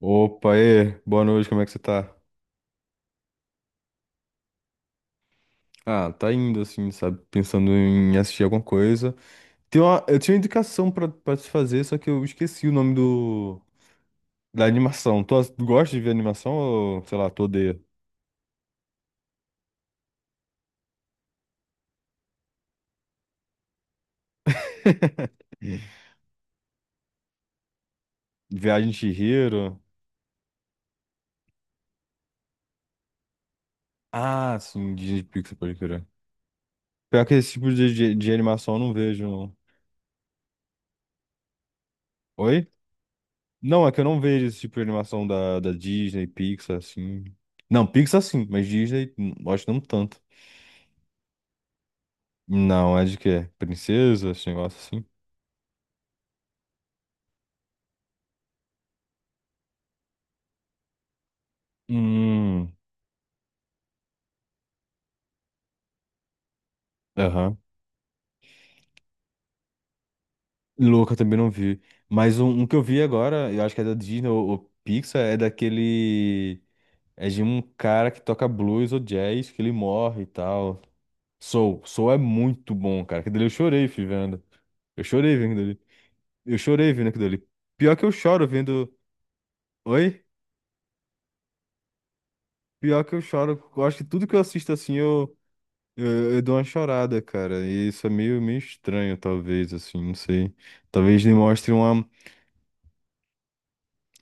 Opa, e aí, boa noite, como é que você tá? Ah, tá indo assim, sabe? Pensando em assistir alguma coisa. Eu tinha uma indicação pra te fazer, só que eu esqueci o nome da animação. Tu gosta de ver animação ou, sei lá, tu odeia? Viagem de Chihiro? Ah, sim, Disney Pixar, pode crer. Pior que esse tipo de animação eu não vejo. Não. Oi? Não, é que eu não vejo esse tipo de animação da Disney, Pixar, assim. Não, Pixar sim, mas Disney, acho que não tanto. Não, é de quê? Princesa, esse negócio assim? Hum. Aham. Louca também não vi. Mas um que eu vi agora, eu acho que é da Disney ou Pixar, é daquele. É de um cara que toca blues ou jazz, que ele morre e tal. Soul. Soul é muito bom, cara. Aquilo dele eu chorei, fi, vendo. Eu chorei vendo ele. Eu chorei vendo aquilo dele. Pior que eu choro vendo. Oi? Pior que eu choro. Eu acho que tudo que eu assisto assim, eu. Eu dou uma chorada, cara. E isso é meio estranho, talvez, assim, não sei. Talvez me mostre uma.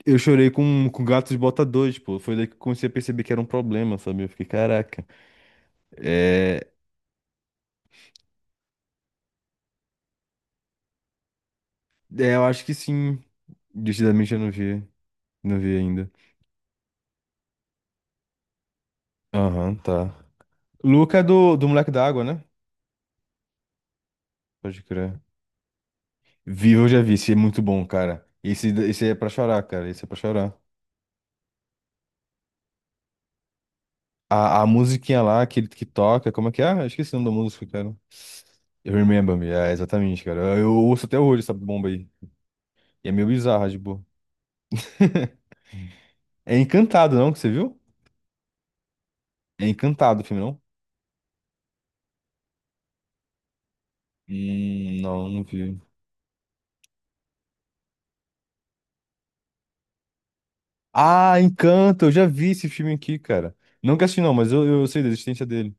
Eu chorei com Gatos Botadores, pô. Foi daí que eu comecei a perceber que era um problema, sabe? Eu fiquei, caraca. É, é, eu acho que sim. Decididamente eu não vi. Não vi ainda. Aham, tá. Luca é do Moleque da Água, né? Pode crer. Viva eu já vi, esse é muito bom, cara. Esse é pra chorar, cara. Esse é pra chorar. A musiquinha lá, que ele que toca, como é que é? Ah, eu esqueci o nome da música, cara. Eu Remember Me, é, exatamente, cara. Eu ouço até hoje essa bomba aí. E é meio bizarra, tipo. É Encantado, não? Que você viu? É Encantado o filme, não? Não, não vi. Ah, Encanto, eu já vi esse filme aqui, cara. Nunca assisti, não, mas eu sei da existência dele.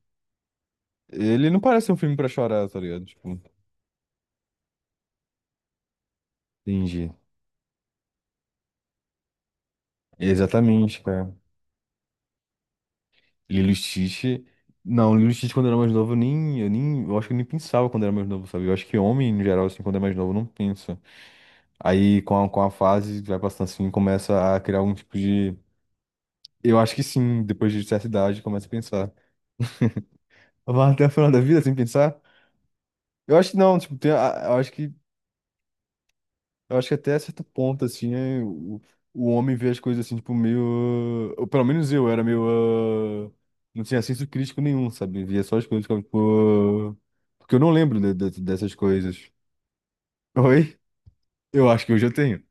Ele não parece um filme pra chorar, tá ligado? Tipo, entendi. Exatamente, cara. Lilo e Stitch. Não, Lilo e Stitch quando eu era mais novo, eu nem, eu nem. Eu acho que eu nem pensava quando eu era mais novo, sabe? Eu acho que homem, no geral, assim, quando é mais novo, não pensa. Aí, com a fase, vai passando assim, começa a criar algum tipo de. Eu acho que sim, depois de certa idade, começa a pensar. Vai até o final da vida sem pensar? Eu acho que não, tipo, tem, eu acho que eu acho que até certo ponto, assim, é, o homem vê as coisas assim, tipo, meio. Ou pelo menos eu era meio. Ah, não tinha senso crítico nenhum, sabe? Via só as coisas, ficava, tipo, ah, porque eu não lembro dessas coisas. Oi? Eu acho que hoje eu tenho.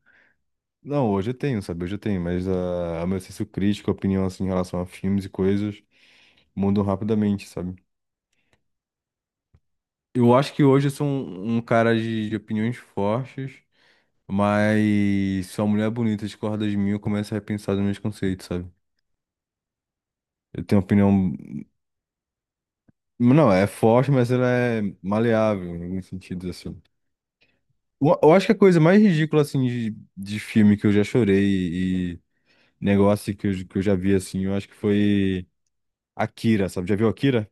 Não, hoje eu tenho, sabe? Hoje eu tenho, mas a meu senso crítico, a opinião, assim, em relação a filmes e coisas, mudam rapidamente, sabe? Eu acho que hoje eu sou um cara de opiniões fortes. Mas se uma mulher bonita discorda de mim, eu começo a repensar os meus conceitos, sabe? Eu tenho opinião. Não, é forte, mas ela é maleável em alguns sentidos, assim. Eu acho que a coisa mais ridícula, assim, de filme que eu já chorei e negócio que eu já vi, assim, eu acho que foi Akira, sabe? Já viu Akira?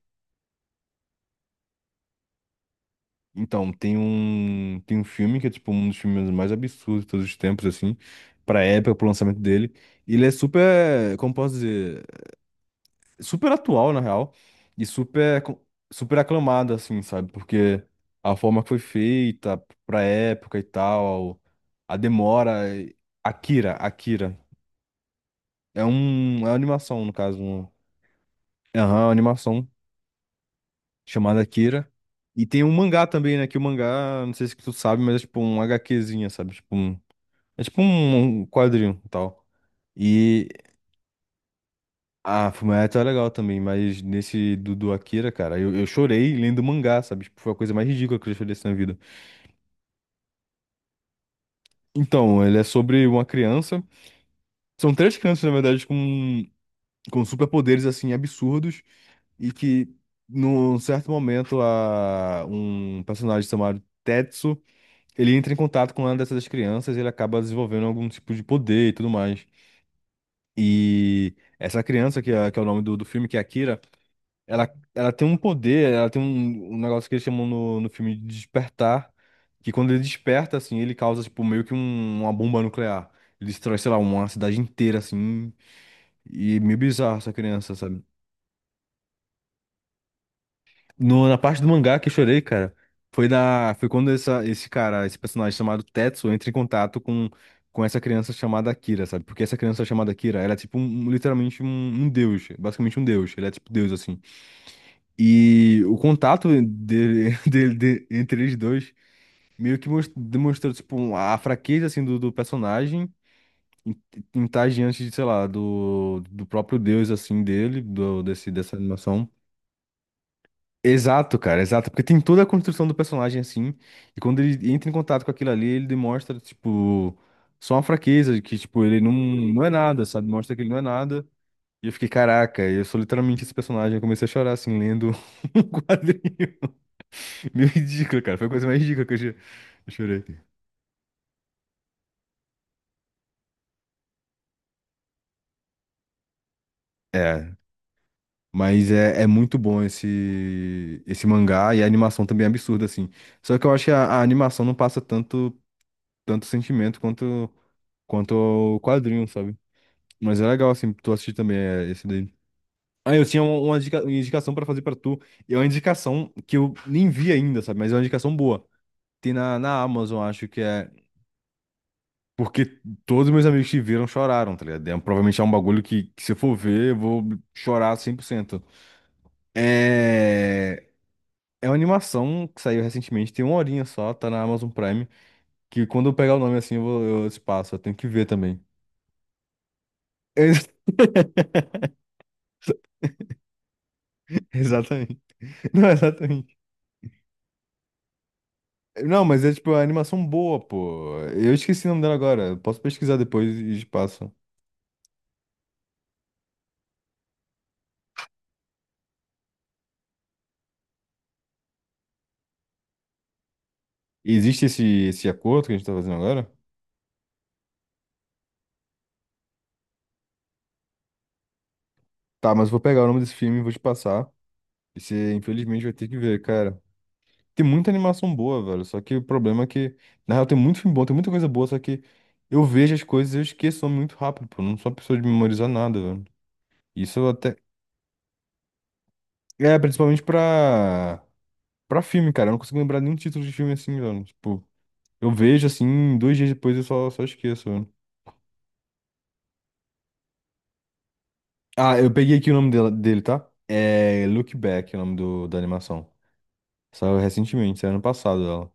Então, tem um filme que é, tipo, um dos filmes mais absurdos de todos os tempos, assim, pra época, pro lançamento dele. E ele é super, como posso dizer? Super atual, na real, e super, super aclamada, assim, sabe? Porque a forma que foi feita pra época e tal, a demora. Akira, Akira. É uma animação, no caso. Aham, uma animação chamada Akira. E tem um mangá também, né? Que o mangá, não sei se tu sabe, mas é tipo um HQzinha, sabe? É tipo um quadrinho e tal. E ah, Fullmetal é legal também, mas nesse do Akira, cara, eu chorei lendo o mangá, sabe? Tipo, foi a coisa mais ridícula que eu já chorei assim na vida. Então, ele é sobre uma criança. São três crianças, na verdade, com, superpoderes, assim, absurdos. E que, num certo momento, um personagem chamado Tetsu, ele entra em contato com uma dessas crianças e ele acaba desenvolvendo algum tipo de poder e tudo mais. E essa criança, que é o nome do filme, que é Akira. Ela tem um poder, ela tem um negócio que eles chamam no filme de despertar, que quando ele desperta, assim, ele causa, tipo, meio que uma bomba nuclear. Ele destrói, sei lá, uma cidade inteira, assim, e é meio bizarro essa criança, sabe? No, Na parte do mangá que eu chorei, cara, foi quando esse cara, esse personagem chamado Tetsuo entra em contato com essa criança chamada Kira, sabe? Porque essa criança chamada Kira, ela é, tipo, literalmente um deus, basicamente um deus. Ele é, tipo, deus, assim. E o contato dele, dele, entre eles dois meio que demonstrou, tipo, a fraqueza, assim, do personagem em, em estar diante de, sei lá, do próprio Deus, assim, dele, dessa animação. Exato, cara, exato. Porque tem toda a construção do personagem, assim, e quando ele entra em contato com aquilo ali, ele demonstra, tipo, só uma fraqueza, de que, tipo, ele não é nada, sabe? Mostra que ele não é nada. E eu fiquei, caraca, eu sou literalmente esse personagem. Eu comecei a chorar, assim, lendo um quadrinho. Meio ridículo, cara. Foi a coisa mais ridícula que eu já eu chorei. É, mas é muito bom esse mangá e a animação também é absurda, assim. Só que eu acho que a animação não passa tanto sentimento quanto o quadrinho, sabe? Mas é legal, assim, tu assistir também é, esse daí. Ah, eu tinha uma indicação pra fazer pra tu. E é uma indicação que eu nem vi ainda, sabe? Mas é uma indicação boa. Tem na Amazon, acho que é. Porque todos meus amigos que viram choraram, tá ligado? É, provavelmente é um bagulho que se eu for ver, eu vou chorar 100%. É... É uma animação que saiu recentemente, tem uma horinha só, tá na Amazon Prime, que quando eu pegar o nome assim, eu te passo, eu tenho que ver também. Ex- Exatamente. Não, exatamente. Não, mas é tipo é uma animação boa, pô. Eu esqueci o nome dela agora. Eu Posso pesquisar depois e te passo. Existe esse acordo que a gente tá fazendo agora? Tá, mas eu vou pegar o nome desse filme e vou te passar. E você, infelizmente, vai ter que ver, cara. Tem muita animação boa, velho. Só que o problema é que, na real, tem muito filme bom, tem muita coisa boa, só que eu vejo as coisas e eu esqueço muito rápido, pô. Eu não sou uma pessoa de memorizar nada, velho. Isso eu até. É, principalmente pra. Pra filme, cara. Eu não consigo lembrar nenhum título de filme assim, velho. Tipo, eu vejo assim, 2 dias depois eu só esqueço, velho. Ah, eu peguei aqui o nome dele, tá? É Look Back, é o nome da animação. Saiu recentemente, saiu ano passado ela.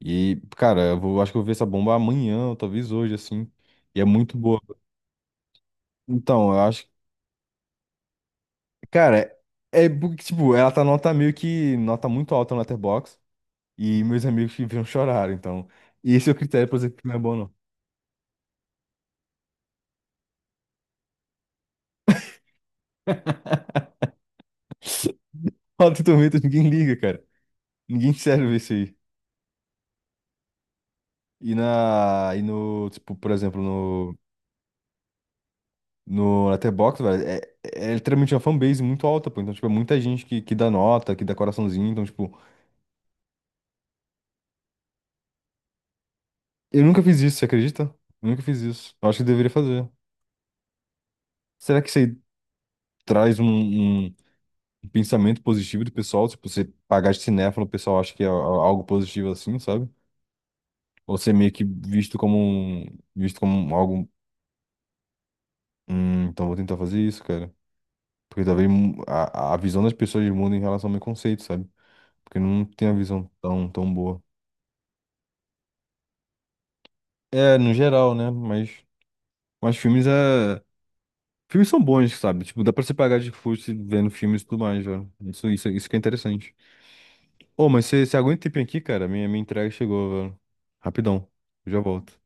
E, cara, acho que eu vou ver essa bomba amanhã, ou talvez hoje, assim. E é muito boa. Então, eu acho. Cara, é porque, tipo, ela tá nota meio que. Nota muito alta no Letterboxd. E meus amigos que viram choraram, então. E esse é o critério pra dizer que não é bom, não. Rotten Tomatoes, ninguém liga, cara. Ninguém serve isso aí. E na. E no. Tipo, por exemplo, no. No Letterboxd, velho, é literalmente uma fanbase muito alta, pô. Então, tipo, é muita gente que dá nota, que dá coraçãozinho. Então, tipo, eu nunca fiz isso, você acredita? Eu nunca fiz isso. Eu acho que eu deveria fazer. Será que isso aí traz pensamento positivo do pessoal, tipo, você pagar de cinéfilo, o pessoal acha que é algo positivo assim, sabe? Ou ser meio que visto como um, visto como algo, então vou tentar fazer isso, cara. Porque talvez a visão das pessoas mudem em relação ao meu conceito, sabe? Porque não tem a visão tão, tão boa. É, no geral, né? Mas filmes é... Filmes são bons, sabe? Tipo, dá pra você pagar de custo vendo filmes e tudo mais, velho. Isso que é interessante. Ô, mas você aguenta um tempinho aqui, cara? Minha entrega chegou, velho. Rapidão. Eu já volto.